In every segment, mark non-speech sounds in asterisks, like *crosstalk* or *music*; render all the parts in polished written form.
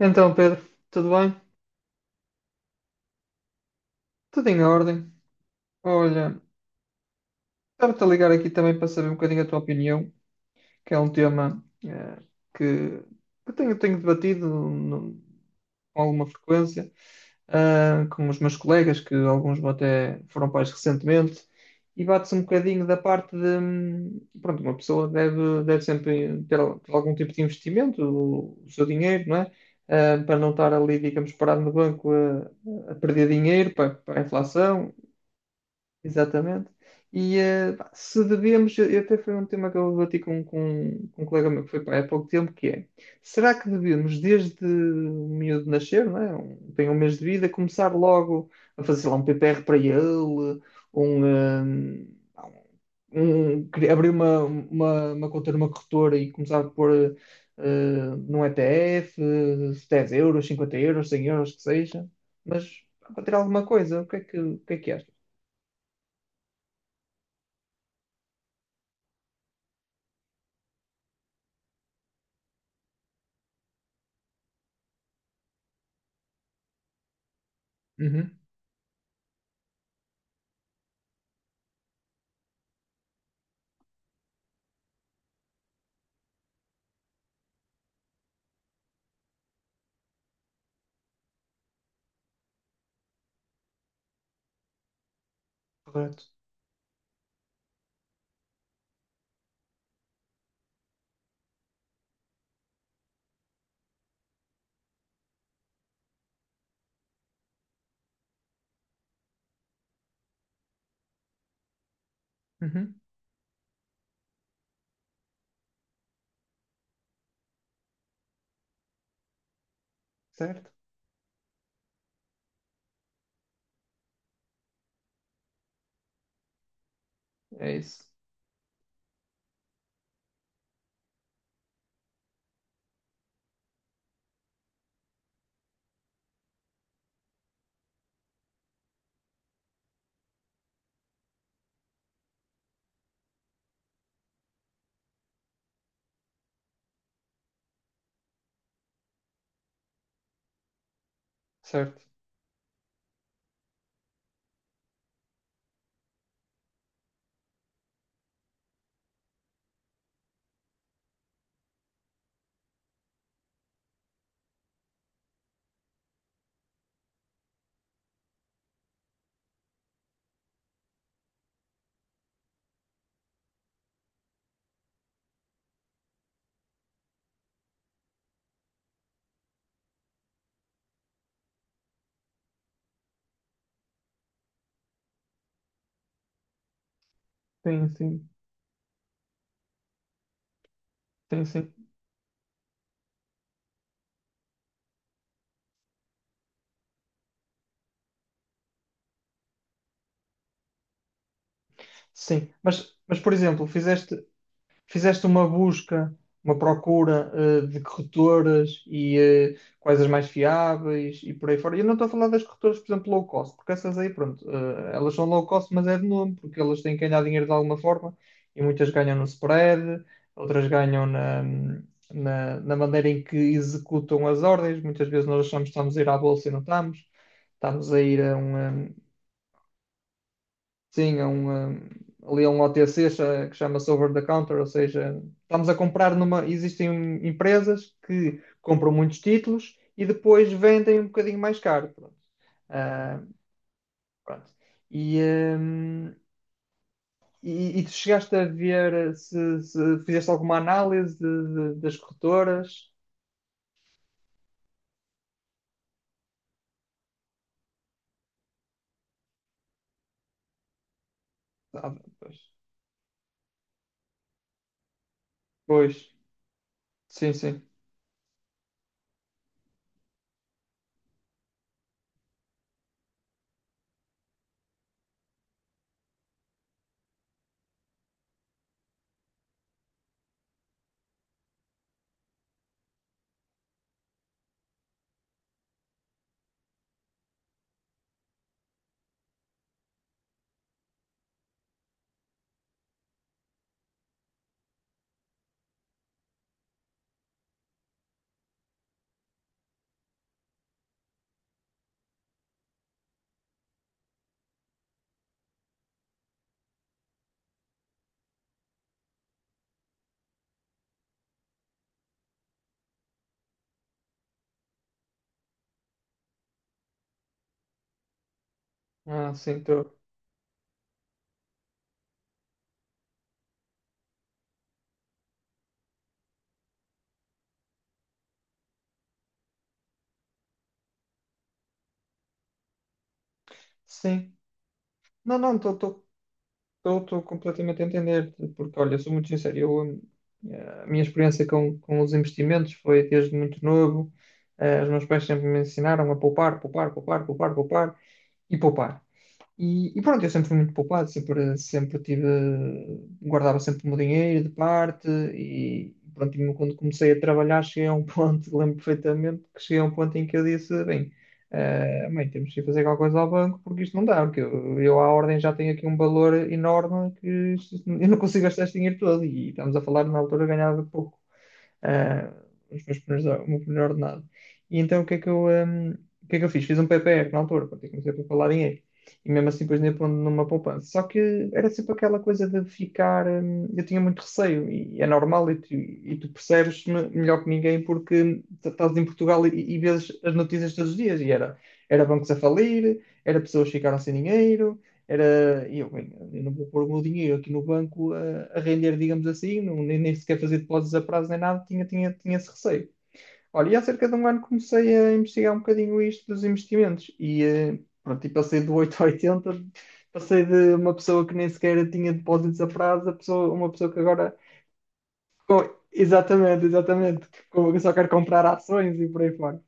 Então, Pedro, tudo bem? Tudo em ordem. Olha, estava-te a ligar aqui também para saber um bocadinho a tua opinião que é um tema que, que tenho debatido com alguma frequência, com os meus colegas, que alguns até foram pais recentemente, e bate-se um bocadinho da parte de, pronto, uma pessoa deve sempre ter, ter algum tipo de investimento, o seu dinheiro, não é? Para não estar ali, digamos, parado no banco a perder dinheiro para a inflação. Exatamente. E pá, se devemos, eu até foi um tema que eu debati com um colega meu que foi pai há pouco tempo, que é, será que devemos, desde o miúdo nascer, não é? Tem um mês de vida, começar logo a fazer sei lá um PPR para ele, um, eh, abrir uma conta numa corretora e começar a pôr num ETF, 10 euros, 50 euros, 100 euros, que seja, mas pá, para ter alguma coisa, o que é que achas? Correto. Uhum. Certo? É isso. Certo. Sim, sim. Sim, sim. Sim. Mas por exemplo, fizeste. Fizeste uma busca, uma procura, de corretoras e quais as mais fiáveis e por aí fora. E eu não estou a falar das corretoras, por exemplo, low cost, porque essas aí, pronto, elas são low cost, mas é de nome, porque elas têm que ganhar dinheiro de alguma forma e muitas ganham no spread, outras ganham na maneira em que executam as ordens. Muitas vezes nós achamos que estamos a ir à bolsa e não estamos. Estamos a ir a um. Sim, é um, ali é um OTC que chama-se over the counter, ou seja, estamos a comprar numa. Existem empresas que compram muitos títulos e depois vendem um bocadinho mais caro. Pronto. Ah, Pronto. E, e tu chegaste a ver se, fizeste alguma análise das corretoras? Ah, pois. Pois. Sim, sim. Ah, sim, estou. Sim. Não, não, estou. Estou completamente a entender, porque olha, sou muito sincero, eu, a minha experiência com os investimentos foi desde muito novo. Os meus pais sempre me ensinaram a poupar, poupar, poupar, poupar, poupar e poupar. E pronto, eu sempre fui muito poupado, sempre, sempre tive, guardava sempre o meu dinheiro de parte e pronto, e quando comecei a trabalhar cheguei a um ponto, *laughs* lembro perfeitamente que cheguei a um ponto em que eu disse, bem, mãe, temos que ir fazer alguma coisa ao banco porque isto não dá, porque eu à ordem já tenho aqui um valor enorme que eu não consigo gastar este dinheiro todo e estamos a falar na altura eu ganhava pouco. ah, os meus primeiros, o meu primeiro ordenado. E então o que é que eu fiz? Fiz um PPR na altura, pronto, e comecei a preparar dinheiro. E mesmo assim depois nem pondo numa poupança. Só que era sempre aquela coisa de ficar. Eu tinha muito receio, e é normal, e tu percebes melhor que ninguém porque estás em Portugal e vês as notícias todos os dias. E era, bancos a falir, era pessoas que ficaram sem dinheiro, era, e eu, bem, eu não vou pôr o meu dinheiro aqui no banco a render, digamos assim, não, nem sequer fazer depósitos a prazo nem nada, tinha esse receio. Olha, e há cerca de um ano comecei a investigar um bocadinho isto dos investimentos e, pronto, e passei do 8 a 80, passei de uma pessoa que nem sequer tinha depósitos a prazo a pessoa, uma pessoa que agora, exatamente, exatamente, só quer comprar ações e por aí fora.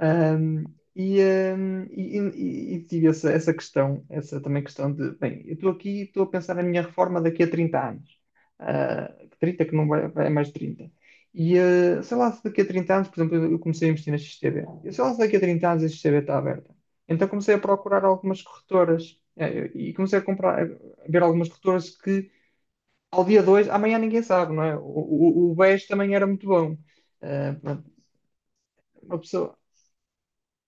Um, e, e tive essa, questão, essa também questão de, bem, eu estou aqui, estou a pensar na minha reforma daqui a 30 anos. Ah, 30 que não vai, vai mais de 30. E sei lá se daqui a 30 anos, por exemplo, eu comecei a investir na XTB. Eu sei lá se daqui a 30 anos a XTB está aberta. Então comecei a procurar algumas corretoras e comecei a comprar, a ver algumas corretoras que ao dia 2 amanhã ninguém sabe, não é? O BES também era muito bom. Pronto, uma pessoa,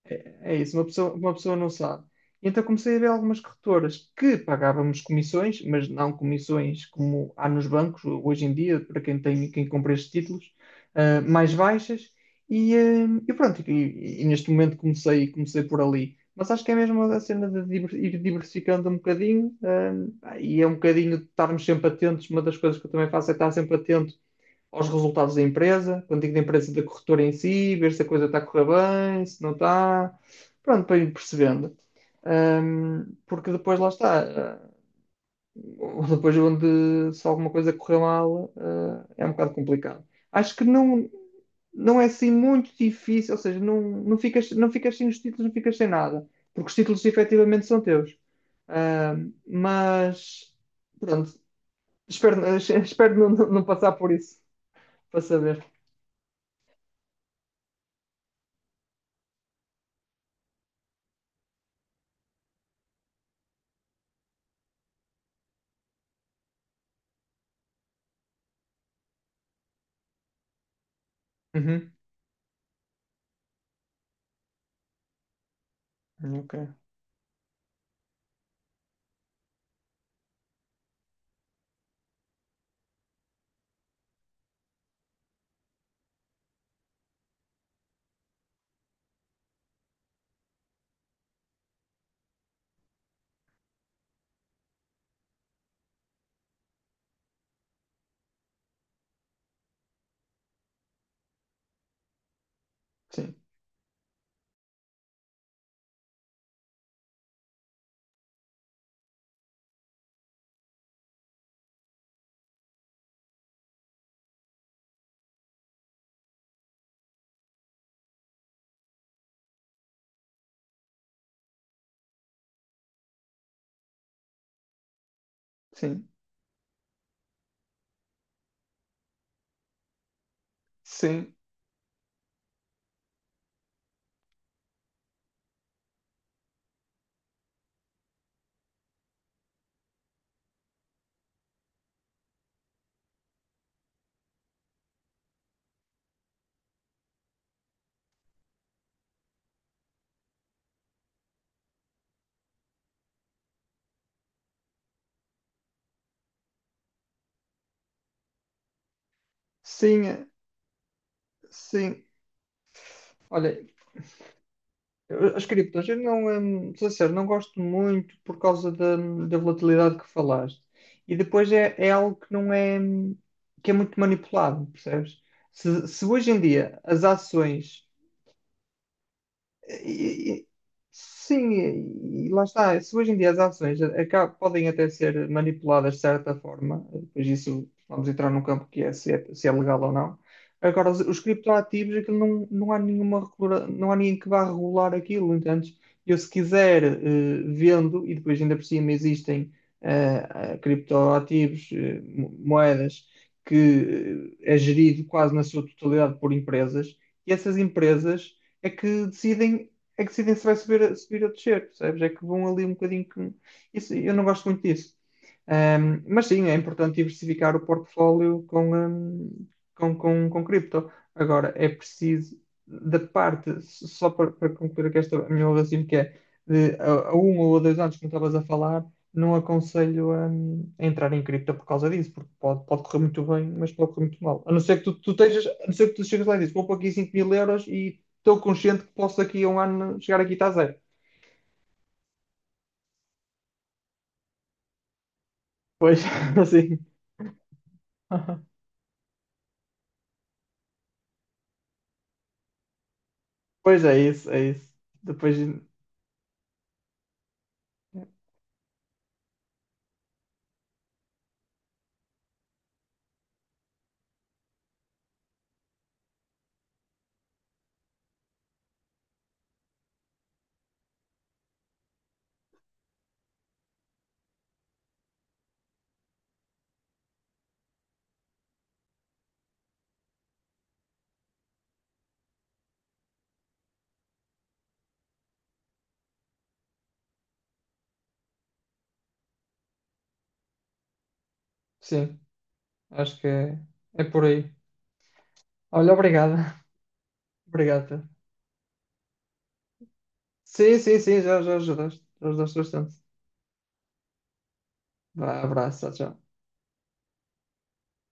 é isso, uma pessoa não sabe. Então comecei a ver algumas corretoras que pagávamos comissões, mas não comissões como há nos bancos hoje em dia, para quem tem, quem compra estes títulos, mais baixas. E pronto, e neste momento comecei por ali. Mas acho que é mesmo a cena de ir diversificando um bocadinho, e é um bocadinho de estarmos sempre atentos. Uma das coisas que eu também faço é estar sempre atento aos resultados da empresa, quando digo da empresa, da corretora em si, ver se a coisa está a correr bem, se não está, pronto, para ir percebendo. Porque depois lá está, *laughs* depois onde se alguma coisa correr mal, é um bocado complicado. Acho que não, não é assim muito difícil, ou seja, não, não ficas, não ficas sem os títulos, não ficas sem nada, porque os títulos efetivamente são teus. Mas, pronto, espero, *laughs* espero não, não passar por isso, para saber. Uhum. Ok, sim, sim, sim, sim, sim. Olha, as criptos, eu não, sou sincero, não gosto muito por causa da, volatilidade que falaste. E depois é algo que não é, que é muito manipulado, percebes? Se hoje em dia as ações. E- e- sim, e lá está. Se hoje em dia as ações podem até ser manipuladas de certa forma, depois isso vamos entrar num campo que é se é, legal ou não. Agora, os criptoativos, aquilo não, não há nenhuma, não há ninguém que vá regular aquilo. Então, eu se quiser, vendo, e depois ainda por cima existem eh, criptoativos, moedas, que é gerido quase na sua totalidade por empresas, e essas empresas é que decidem, se vai subir, subir ou descer, percebes? É que vão ali um bocadinho que. Isso, eu não gosto muito disso. Mas sim, é importante diversificar o portfólio com, com cripto. Agora, é preciso, da parte, só para, concluir aqui esta, a minha raciocínio, que é de, a um ou a 2 anos, como estavas a falar, não aconselho a, entrar em cripto por causa disso, porque pode, correr muito bem, mas pode correr muito mal. A não ser que tu estejas, a não ser que tu chegas lá e dizes, vou pôr aqui 5000 euros e estou consciente que posso daqui a um ano chegar aqui e está zero. Pois, *laughs* assim. Pois é isso, é isso. Depois. Sim, acho que é por aí. Olha, obrigada *laughs* obrigada. Sim, sim, sim, já, já ajudaste. Já ajudaste bastante. Vá, abraço, tchau, tchau.